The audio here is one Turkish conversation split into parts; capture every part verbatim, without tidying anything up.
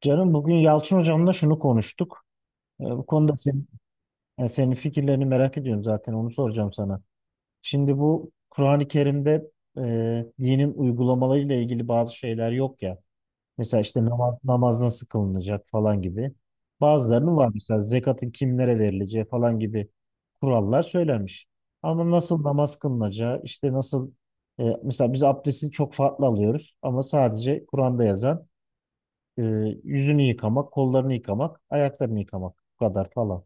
Canım bugün Yalçın hocamla şunu konuştuk. Ee, bu konuda senin, yani senin fikirlerini merak ediyorum, zaten onu soracağım sana. Şimdi bu Kur'an-ı Kerim'de e, dinin uygulamalarıyla ilgili bazı şeyler yok ya. Mesela işte namaz, namaz nasıl kılınacak falan gibi. Bazılarının var mesela, zekatın kimlere verileceği falan gibi kurallar söylenmiş. Ama nasıl namaz kılınacağı, işte nasıl, e, mesela biz abdesti çok farklı alıyoruz ama sadece Kur'an'da yazan, ee, yüzünü yıkamak, kollarını yıkamak, ayaklarını yıkamak. Bu kadar falan.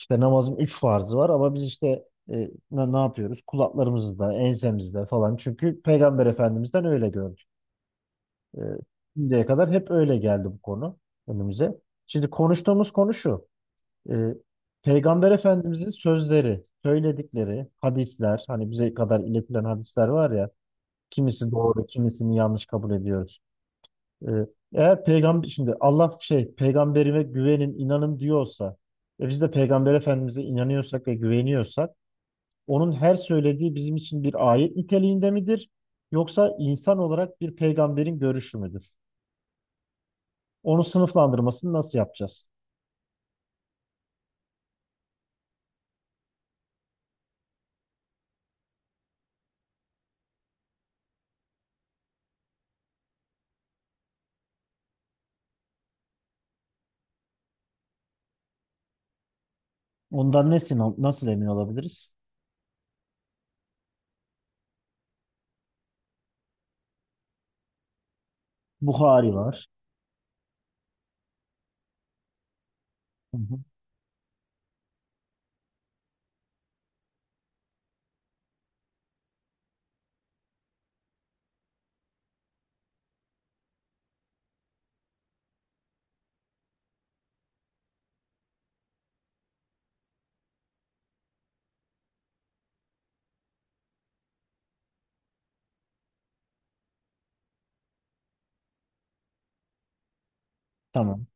İşte namazın üç farzı var ama biz işte, e, ne, ne yapıyoruz? Kulaklarımızda, ensemizde falan. Çünkü Peygamber Efendimiz'den öyle gördük. Ee, şimdiye kadar hep öyle geldi bu konu önümüze. Şimdi konuştuğumuz konu şu. Ee, Peygamber Efendimiz'in sözleri, söyledikleri hadisler, hani bize kadar iletilen hadisler var ya, kimisi doğru, kimisini yanlış kabul ediyoruz. Ee, Eğer peygamber, şimdi Allah şey peygamberime güvenin, inanın diyorsa ve biz de peygamber efendimize inanıyorsak ve güveniyorsak, onun her söylediği bizim için bir ayet niteliğinde midir? Yoksa insan olarak bir peygamberin görüşü müdür? Onu sınıflandırmasını nasıl yapacağız? Ondan ne sino- nasıl emin olabiliriz? Buhari var. Hı hı. Tamam.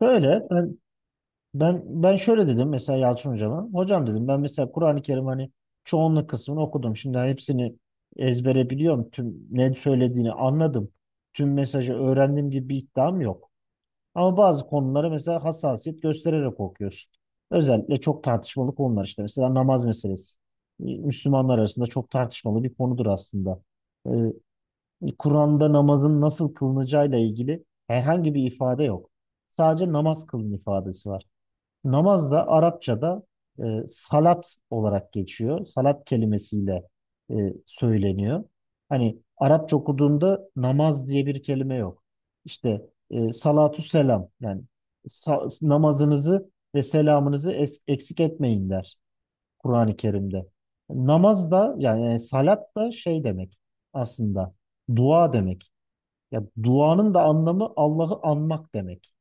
Böyle. Ben ben şöyle dedim mesela Yalçın hocama. Hocam dedim, ben mesela Kur'an-ı Kerim, hani çoğunluk kısmını okudum. Şimdi hani hepsini ezbere biliyorum, tüm ne söylediğini anladım, tüm mesajı öğrendiğim gibi bir iddiam yok. Ama bazı konulara mesela hassasiyet göstererek okuyorsun. Özellikle çok tartışmalı konular işte. Mesela namaz meselesi. Ee, Müslümanlar arasında çok tartışmalı bir konudur aslında. Ee, Kur'an'da namazın nasıl kılınacağıyla ilgili herhangi bir ifade yok. Sadece namaz kılın ifadesi var. Namaz da Arapçada e, salat olarak geçiyor. Salat kelimesiyle e, söyleniyor. Hani Arapça okuduğunda namaz diye bir kelime yok. İşte e, salatu selam, yani sa- namazınızı ve selamınızı es- eksik etmeyin der Kur'an-ı Kerim'de. Namaz da, yani yani salat da şey demek aslında, dua demek. Ya duanın da anlamı Allah'ı anmak demek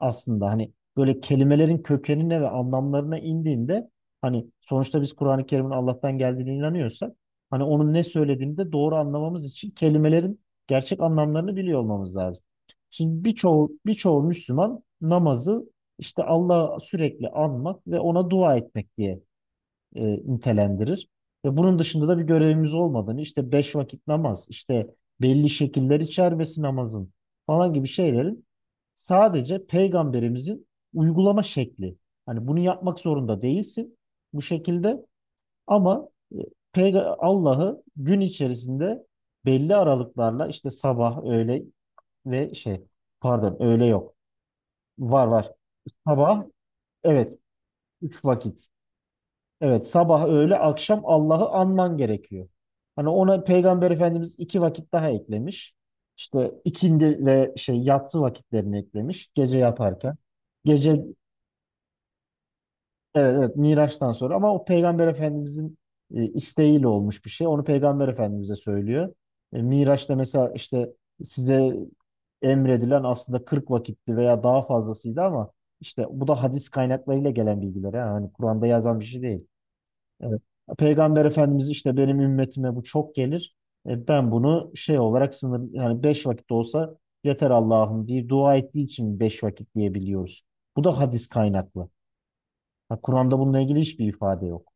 aslında, hani böyle kelimelerin kökenine ve anlamlarına indiğinde, hani sonuçta biz Kur'an-ı Kerim'in Allah'tan geldiğine inanıyorsak, hani onun ne söylediğini de doğru anlamamız için kelimelerin gerçek anlamlarını biliyor olmamız lazım. Şimdi birçoğu birçoğu Müslüman namazı işte Allah'ı sürekli anmak ve ona dua etmek diye e, nitelendirir. Ve bunun dışında da bir görevimiz olmadığını, işte beş vakit namaz, işte belli şekiller içermesi namazın falan gibi şeylerin sadece peygamberimizin uygulama şekli. Hani bunu yapmak zorunda değilsin bu şekilde, ama e, peyga- Allah'ı gün içerisinde belli aralıklarla, işte sabah, öğle ve şey, pardon, öğle yok. Var var. Sabah, evet, üç vakit. Evet, sabah, öğle, akşam Allah'ı anman gerekiyor. Hani ona Peygamber Efendimiz iki vakit daha eklemiş. İşte ikindi ve şey yatsı vakitlerini eklemiş, gece yaparken. Gece, evet, evet, Miraç'tan sonra, ama o Peygamber Efendimizin e, isteğiyle olmuş bir şey. Onu Peygamber Efendimiz'e söylüyor. E, Miraç'ta mesela, işte size emredilen aslında kırk vakitti veya daha fazlasıydı, ama işte bu da hadis kaynaklarıyla gelen bilgiler. Ha. Hani Kur'an'da yazan bir şey değil. Evet. Peygamber Efendimiz işte benim ümmetime bu çok gelir. E, ben bunu şey olarak sınır, yani beş vakit olsa yeter Allah'ım diye dua ettiği için beş vakit diyebiliyoruz. Bu da hadis kaynaklı. Ha, Kur'an'da bununla ilgili hiçbir ifade yok.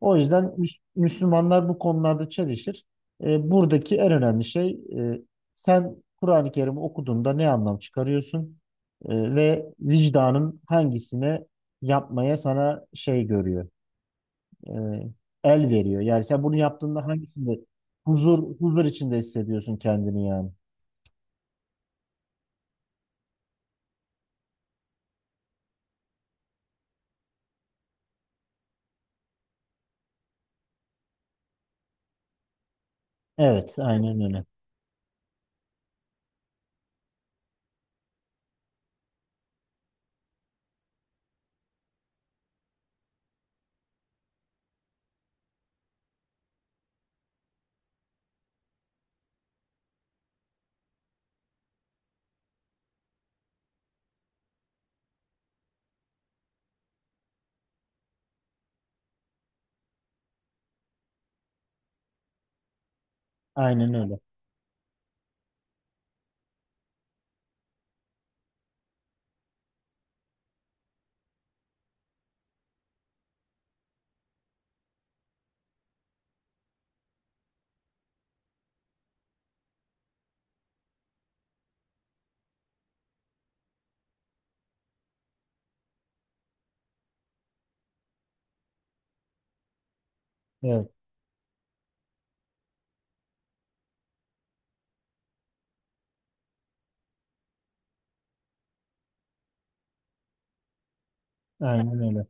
O yüzden Müs- Müslümanlar bu konularda çelişir. E, buradaki en önemli şey, e, sen Kur'an-ı Kerim'i okuduğunda ne anlam çıkarıyorsun. E, ve vicdanın hangisine yapmaya sana şey görüyor, e, el veriyor. Yani sen bunu yaptığında hangisinde huzur huzur içinde hissediyorsun kendini yani. Evet, aynen öyle. Aynen öyle. Evet, aynen öyle.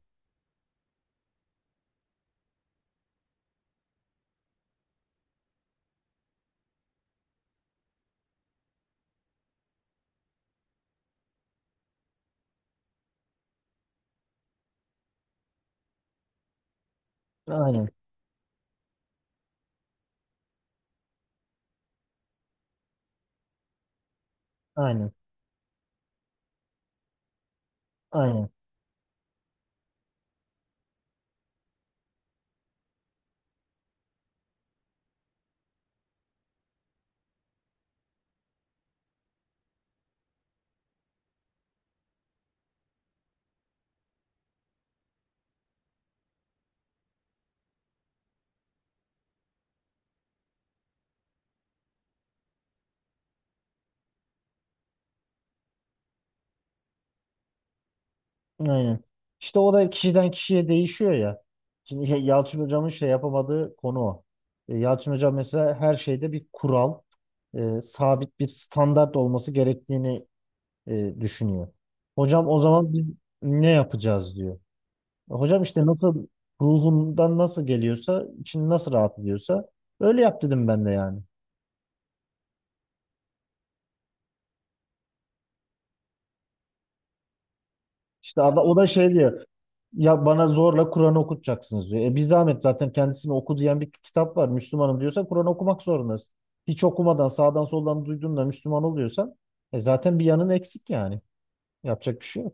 Aynen, aynen, aynen, aynen. İşte o da kişiden kişiye değişiyor ya. Şimdi Ye- Yalçın Hocam'ın şey yapamadığı konu o. E, Yalçın Hocam mesela her şeyde bir kural, e, sabit bir standart olması gerektiğini e, düşünüyor. Hocam o zaman biz ne yapacağız diyor. Hocam işte nasıl ruhundan nasıl geliyorsa, için nasıl rahat ediyorsa öyle yap dedim ben de yani. İşte ada- o da şey diyor. Ya bana zorla Kur'an okutacaksınız diyor. E bir zahmet, zaten kendisini oku diyen bir kitap var. Müslümanım diyorsa Kur'an okumak zorundasın. Hiç okumadan sağdan soldan duyduğunla Müslüman oluyorsan, e zaten bir yanın eksik yani. Yapacak bir şey yok.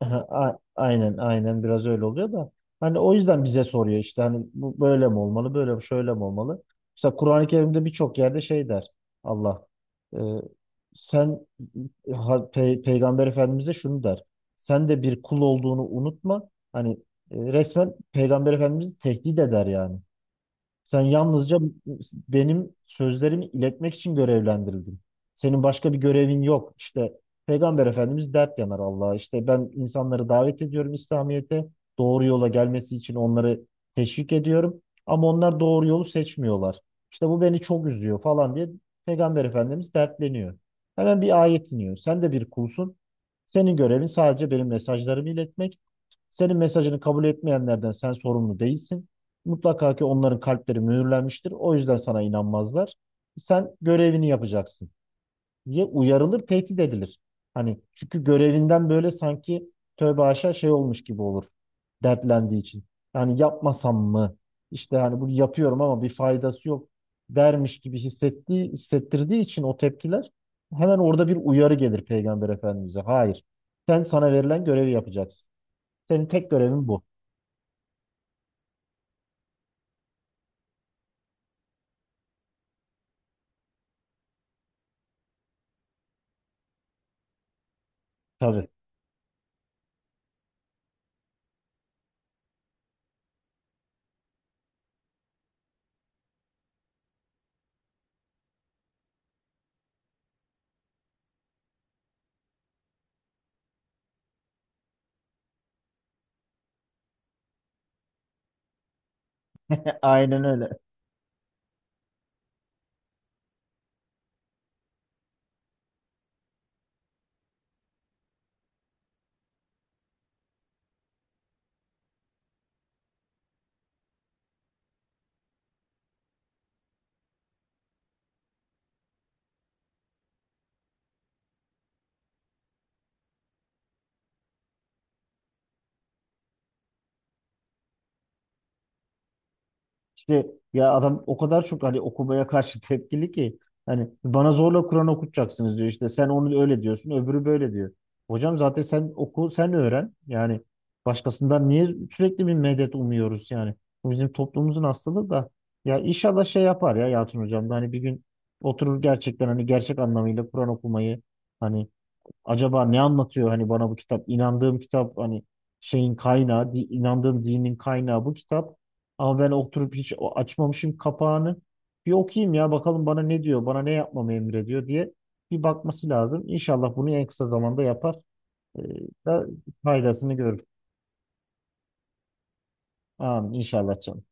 Aha, a- Aynen aynen biraz öyle oluyor da, hani o yüzden bize soruyor, işte hani bu böyle mi olmalı, böyle mi, şöyle mi olmalı? Mesela Kur'an-ı Kerim'de birçok yerde şey der Allah, e, sen, ha- Pe- Peygamber Efendimiz'e şunu der: sen de bir kul olduğunu unutma, hani e, resmen Peygamber Efendimiz'i tehdit eder yani. Sen yalnızca benim sözlerimi iletmek için görevlendirildin. Senin başka bir görevin yok. İşte Peygamber Efendimiz dert yanar Allah'a. İşte ben insanları davet ediyorum İslamiyet'e, doğru yola gelmesi için onları teşvik ediyorum. Ama onlar doğru yolu seçmiyorlar. İşte bu beni çok üzüyor falan diye Peygamber Efendimiz dertleniyor. Hemen bir ayet iniyor: sen de bir kulsun, senin görevin sadece benim mesajlarımı iletmek. Senin mesajını kabul etmeyenlerden sen sorumlu değilsin. Mutlaka ki onların kalpleri mühürlenmiştir, o yüzden sana inanmazlar. Sen görevini yapacaksın diye uyarılır, tehdit edilir. Hani çünkü görevinden böyle sanki tövbe haşa şey olmuş gibi olur, dertlendiği için. Yani yapmasam mı, İşte hani bunu yapıyorum ama bir faydası yok dermiş gibi hissettiği, hissettirdiği için o tepkiler, hemen orada bir uyarı gelir Peygamber Efendimiz'e. Hayır, sen sana verilen görevi yapacaksın. Senin tek görevin bu. Tabii. E, Aynen öyle. İşte ya adam o kadar çok hani okumaya karşı tepkili ki, hani bana zorla Kur'an okutacaksınız diyor, işte sen onu öyle diyorsun, öbürü böyle diyor. Hocam zaten sen oku, sen öğren yani, başkasından niye sürekli bir medet umuyoruz yani. Bu bizim toplumumuzun hastalığı da. Ya inşallah şey yapar ya Yalçın hocam da, hani bir gün oturur gerçekten, hani gerçek anlamıyla Kur'an okumayı, hani acaba ne anlatıyor hani bana bu kitap? İnandığım kitap, hani şeyin kaynağı, di- inandığım dinin kaynağı bu kitap. Ama ben oturup hiç o- açmamışım kapağını. Bir okuyayım ya, bakalım bana ne diyor, bana ne yapmamı emrediyor diye bir bakması lazım. İnşallah bunu en kısa zamanda yapar. Ee, da faydasını görür. Amin inşallah canım.